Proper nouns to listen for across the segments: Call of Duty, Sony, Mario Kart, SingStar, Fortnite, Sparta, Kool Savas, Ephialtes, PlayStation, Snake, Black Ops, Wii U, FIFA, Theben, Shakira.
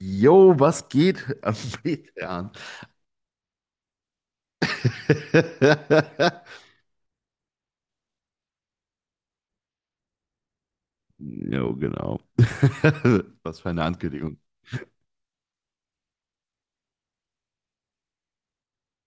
Jo, was geht am Metern? Jo, genau. Was für eine Ankündigung.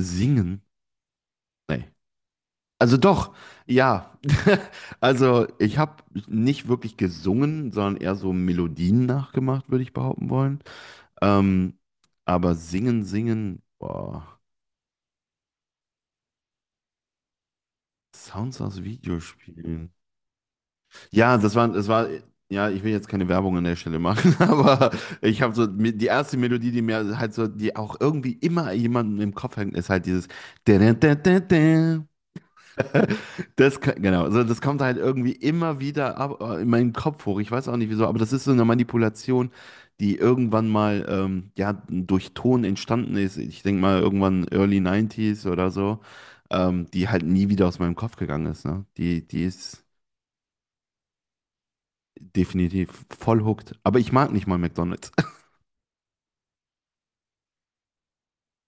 Singen? Nee. Also doch, ja. Also ich habe nicht wirklich gesungen, sondern eher so Melodien nachgemacht, würde ich behaupten wollen. Ähm, aber singen, singen, boah, Sounds aus Videospielen. Ja, das war, ja, ich will jetzt keine Werbung an der Stelle machen, aber ich habe so, die erste Melodie, die mir halt so, die auch irgendwie immer jemandem im Kopf hängt, ist halt dieses. Genau, also das kommt halt irgendwie immer wieder ab, in meinen Kopf hoch. Ich weiß auch nicht wieso, aber das ist so eine Manipulation, die irgendwann mal ja, durch Ton entstanden ist. Ich denke mal irgendwann Early 90 oder so, die halt nie wieder aus meinem Kopf gegangen ist. Ne? Die ist. Definitiv. Voll hooked. Aber ich mag nicht mal McDonald's.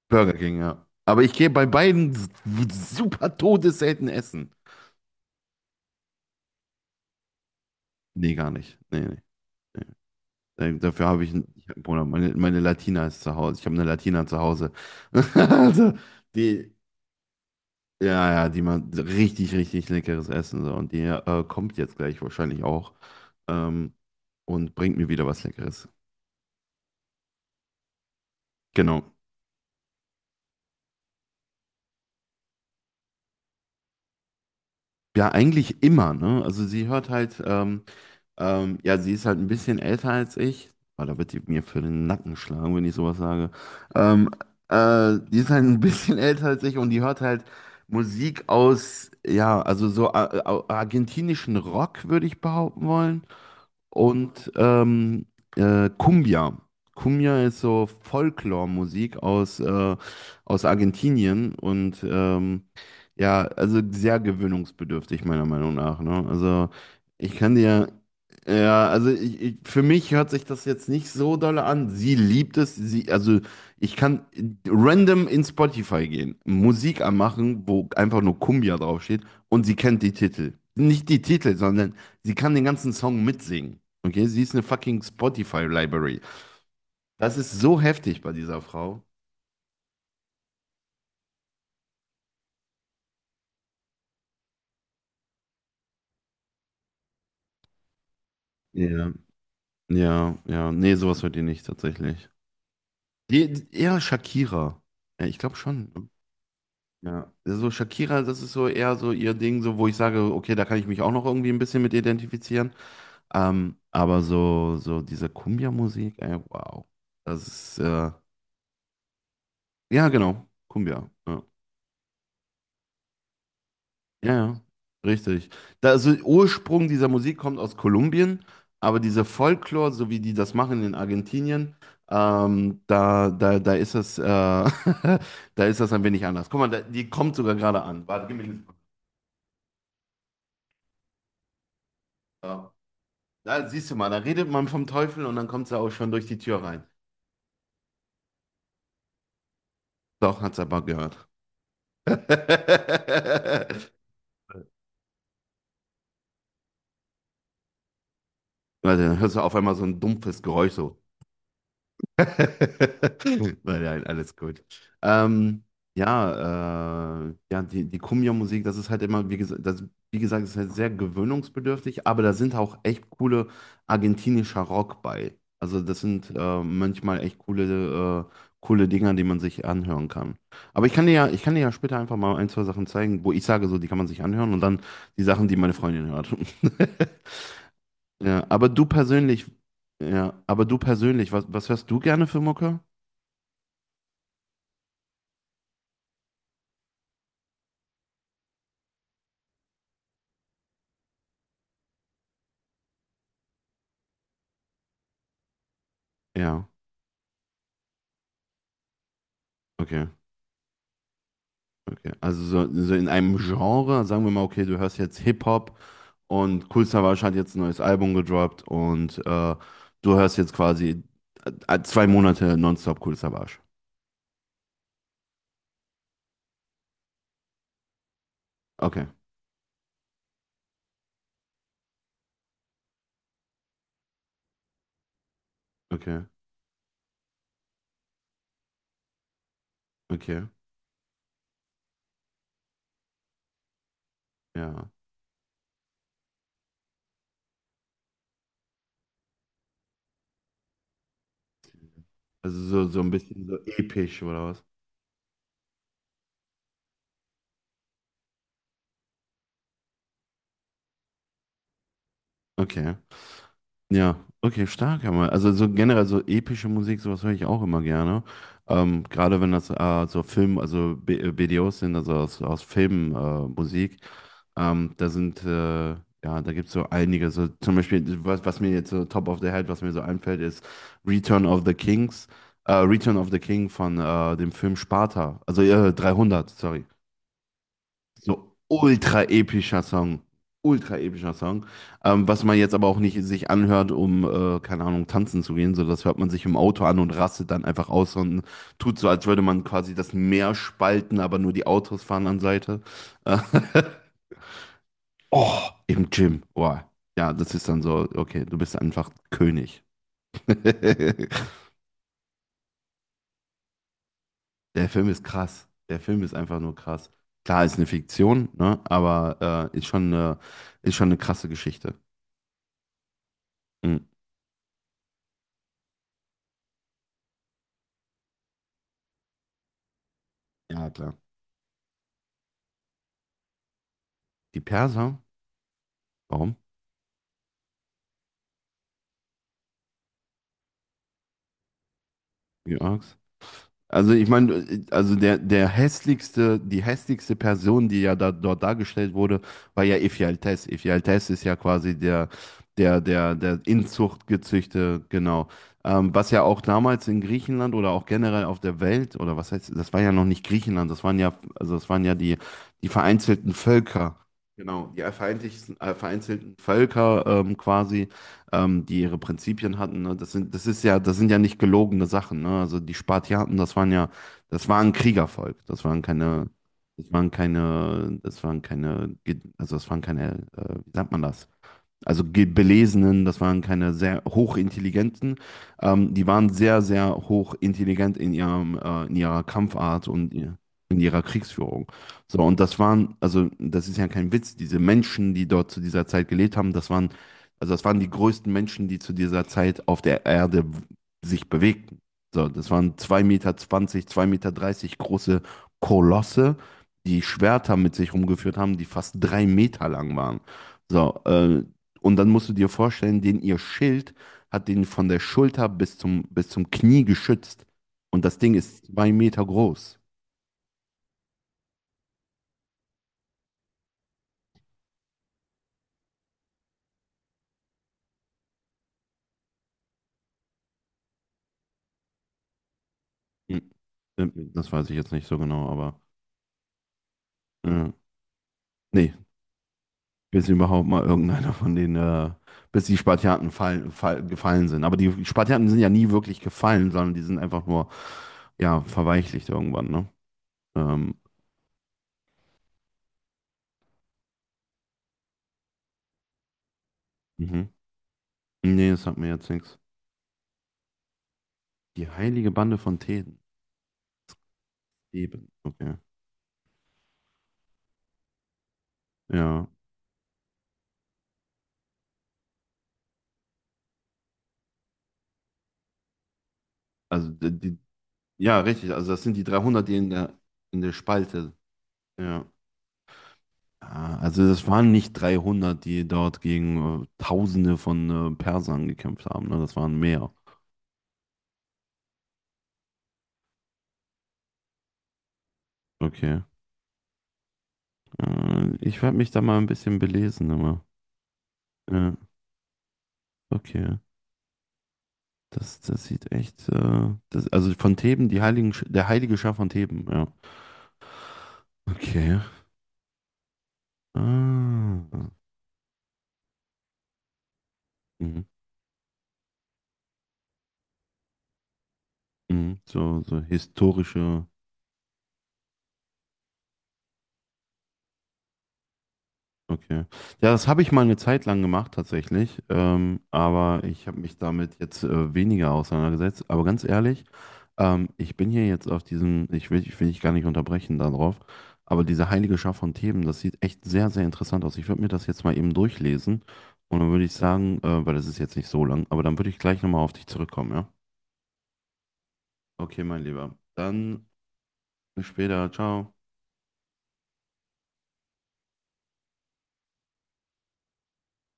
Burger King, ja. Aber ich gehe bei beiden super todesselten essen. Nee, gar nicht. Nee, nee. Dafür habe ich, Bruder, meine Latina ist zu Hause. Ich habe eine Latina zu Hause. Also, die, ja, ja, die macht richtig, richtig leckeres Essen. So. Und die kommt jetzt gleich wahrscheinlich auch ähm, und bringt mir wieder was Leckeres. Genau. Ja, eigentlich immer, ne? Also sie hört halt, ja, sie ist halt ein bisschen älter als ich. Oh, da wird die mir für den Nacken schlagen, wenn ich sowas sage. Ähm, Die ist halt ein bisschen älter als ich und die hört halt Musik aus, ja, also so argentinischen Rock, würde ich behaupten wollen und Cumbia. Cumbia ist so Folklore-Musik aus Argentinien und ja, also sehr gewöhnungsbedürftig meiner Meinung nach. Ne? Also ich kann dir, ja, also ich, für mich hört sich das jetzt nicht so doll an. Sie liebt es, also ich kann random in Spotify gehen, Musik anmachen, wo einfach nur Cumbia draufsteht und sie kennt die Titel. Nicht die Titel, sondern sie kann den ganzen Song mitsingen. Okay, sie ist eine fucking Spotify-Library. Das ist so heftig bei dieser Frau. Ja, ja, ja. Nee, sowas hört ihr nicht tatsächlich. Eher Shakira. Ja, ich glaube schon. Ja, so Shakira, das ist so eher so ihr Ding, so wo ich sage, okay, da kann ich mich auch noch irgendwie ein bisschen mit identifizieren. Aber so, diese Cumbia-Musik, ey, wow. Das ist, ja, genau, Cumbia. Ja. Ja, ja, richtig. Da, also Ursprung dieser Musik kommt aus Kolumbien, aber dieser Folklore, so wie die das machen in Argentinien, da ist das, da ist das ein wenig anders. Guck mal, da, die kommt sogar gerade an. Warte, gib mir eine Sekunde. Ja. Da siehst du mal, da redet man vom Teufel und dann kommt sie auch schon durch die Tür rein. Doch, hat's aber gehört. Warte, dann hörst du auf einmal so ein dumpfes Geräusch so. Nein, nein, alles gut. Ähm, ja, ja, die Kumbia-Musik, das ist halt immer, wie gesagt, wie gesagt, ist halt sehr gewöhnungsbedürftig, aber da sind auch echt coole argentinischer Rock bei. Also das sind manchmal echt coole Dinger, die man sich anhören kann. Aber ich kann dir ja später einfach mal ein, zwei Sachen zeigen, wo ich sage, so, die kann man sich anhören und dann die Sachen, die meine Freundin hört. Ja, aber du persönlich, ja, aber du persönlich, was hörst du gerne für Mucke? Ja, okay, okay. Also so, in einem Genre, sagen wir mal, okay, du hörst jetzt Hip-Hop und Kool Savas hat jetzt ein neues Album gedroppt und du hörst jetzt quasi 2 Monate nonstop Kool Savas. Okay, okay, okay, ja. Also so, ein bisschen so episch oder was? Okay. Ja, okay, stark, aber also so generell so epische Musik, sowas höre ich auch immer gerne. Gerade wenn das so Film, also B BDOs sind, also aus Filmen Musik, da sind ja, da gibt es so einige. So zum Beispiel, was mir jetzt so top of the head, was mir so einfällt, ist Return of the Kings, Return of the King von dem Film Sparta, also 300, sorry. So ultra epischer Song. Ultra epischer Song. Was man jetzt aber auch nicht sich anhört, um, keine Ahnung, tanzen zu gehen. So, das hört man sich im Auto an und rastet dann einfach aus und tut so, als würde man quasi das Meer spalten, aber nur die Autos fahren an Seite. Äh, oh, im Gym. Wow. Ja, das ist dann so, okay, du bist einfach König. Der Film ist krass. Der Film ist einfach nur krass. Klar, ist eine Fiktion, ne? Aber ist schon eine krasse Geschichte. Mhm. Ja, klar. Die Perser? Warum? Wie arg's? Also ich meine, also der, der hässlichste, die hässlichste Person, die ja da, dort dargestellt wurde, war ja Ephialtes. Ephialtes ist ja quasi der Inzucht gezüchtete, genau. Was ja auch damals in Griechenland oder auch generell auf der Welt, oder was heißt, das war ja noch nicht Griechenland, das waren ja, also das waren ja die vereinzelten Völker. Genau, die vereinzelten Völker quasi die ihre Prinzipien hatten. Ne? Das sind, das ist ja, das sind ja nicht gelogene Sachen. Ne? Also die Spartiaten, das waren ja, das war ein Kriegervolk. Das waren keine, wie sagt man das? Also Belesenen, das waren keine sehr hochintelligenten. Die waren sehr, sehr hochintelligent in ihrem, in ihrer Kampfart und in ihrer Kriegsführung. So, und das waren, also das ist ja kein Witz, diese Menschen, die dort zu dieser Zeit gelebt haben, das waren, also das waren die größten Menschen, die zu dieser Zeit auf der Erde sich bewegten. So, das waren 2,20 m, 2,30 m große Kolosse, die Schwerter mit sich rumgeführt haben, die fast 3 Meter lang waren. So, und dann musst du dir vorstellen, den ihr Schild hat den von der Schulter bis zum Knie geschützt. Und das Ding ist 2 Meter groß. Hm. Das weiß ich jetzt nicht so genau, aber äh, nee, bis überhaupt mal irgendeiner von denen, bis die Spartiaten gefallen sind. Aber die Spartiaten sind ja nie wirklich gefallen, sondern die sind einfach nur, ja, verweichlicht irgendwann, ne? Ähm, mhm. Nee, das sagt mir jetzt nichts. Die heilige Bande von Theben. Theben, okay. Ja, also die Ja, richtig. Also das sind die 300, die in der Spalte. Ja. Ah, also das waren nicht 300, die dort gegen Tausende von Persern gekämpft haben. Ne? Das waren mehr. Okay. Ich werde mich da mal ein bisschen belesen. Aber. Ja, okay. Das sieht echt. Das, also Von Theben, der heilige Schar von Theben. Ja. Okay. Ah. Mhm. Mhm. So, historische. Okay. Ja, das habe ich mal eine Zeit lang gemacht tatsächlich, aber ich habe mich damit jetzt weniger auseinandergesetzt. Aber ganz ehrlich, ich bin hier jetzt auf diesen, ich will dich gar nicht unterbrechen darauf, aber diese heilige Schar von Themen, das sieht echt sehr, sehr interessant aus. Ich würde mir das jetzt mal eben durchlesen und dann würde ich sagen, weil das ist jetzt nicht so lang, aber dann würde ich gleich nochmal auf dich zurückkommen, ja? Okay, mein Lieber. Dann bis später. Ciao.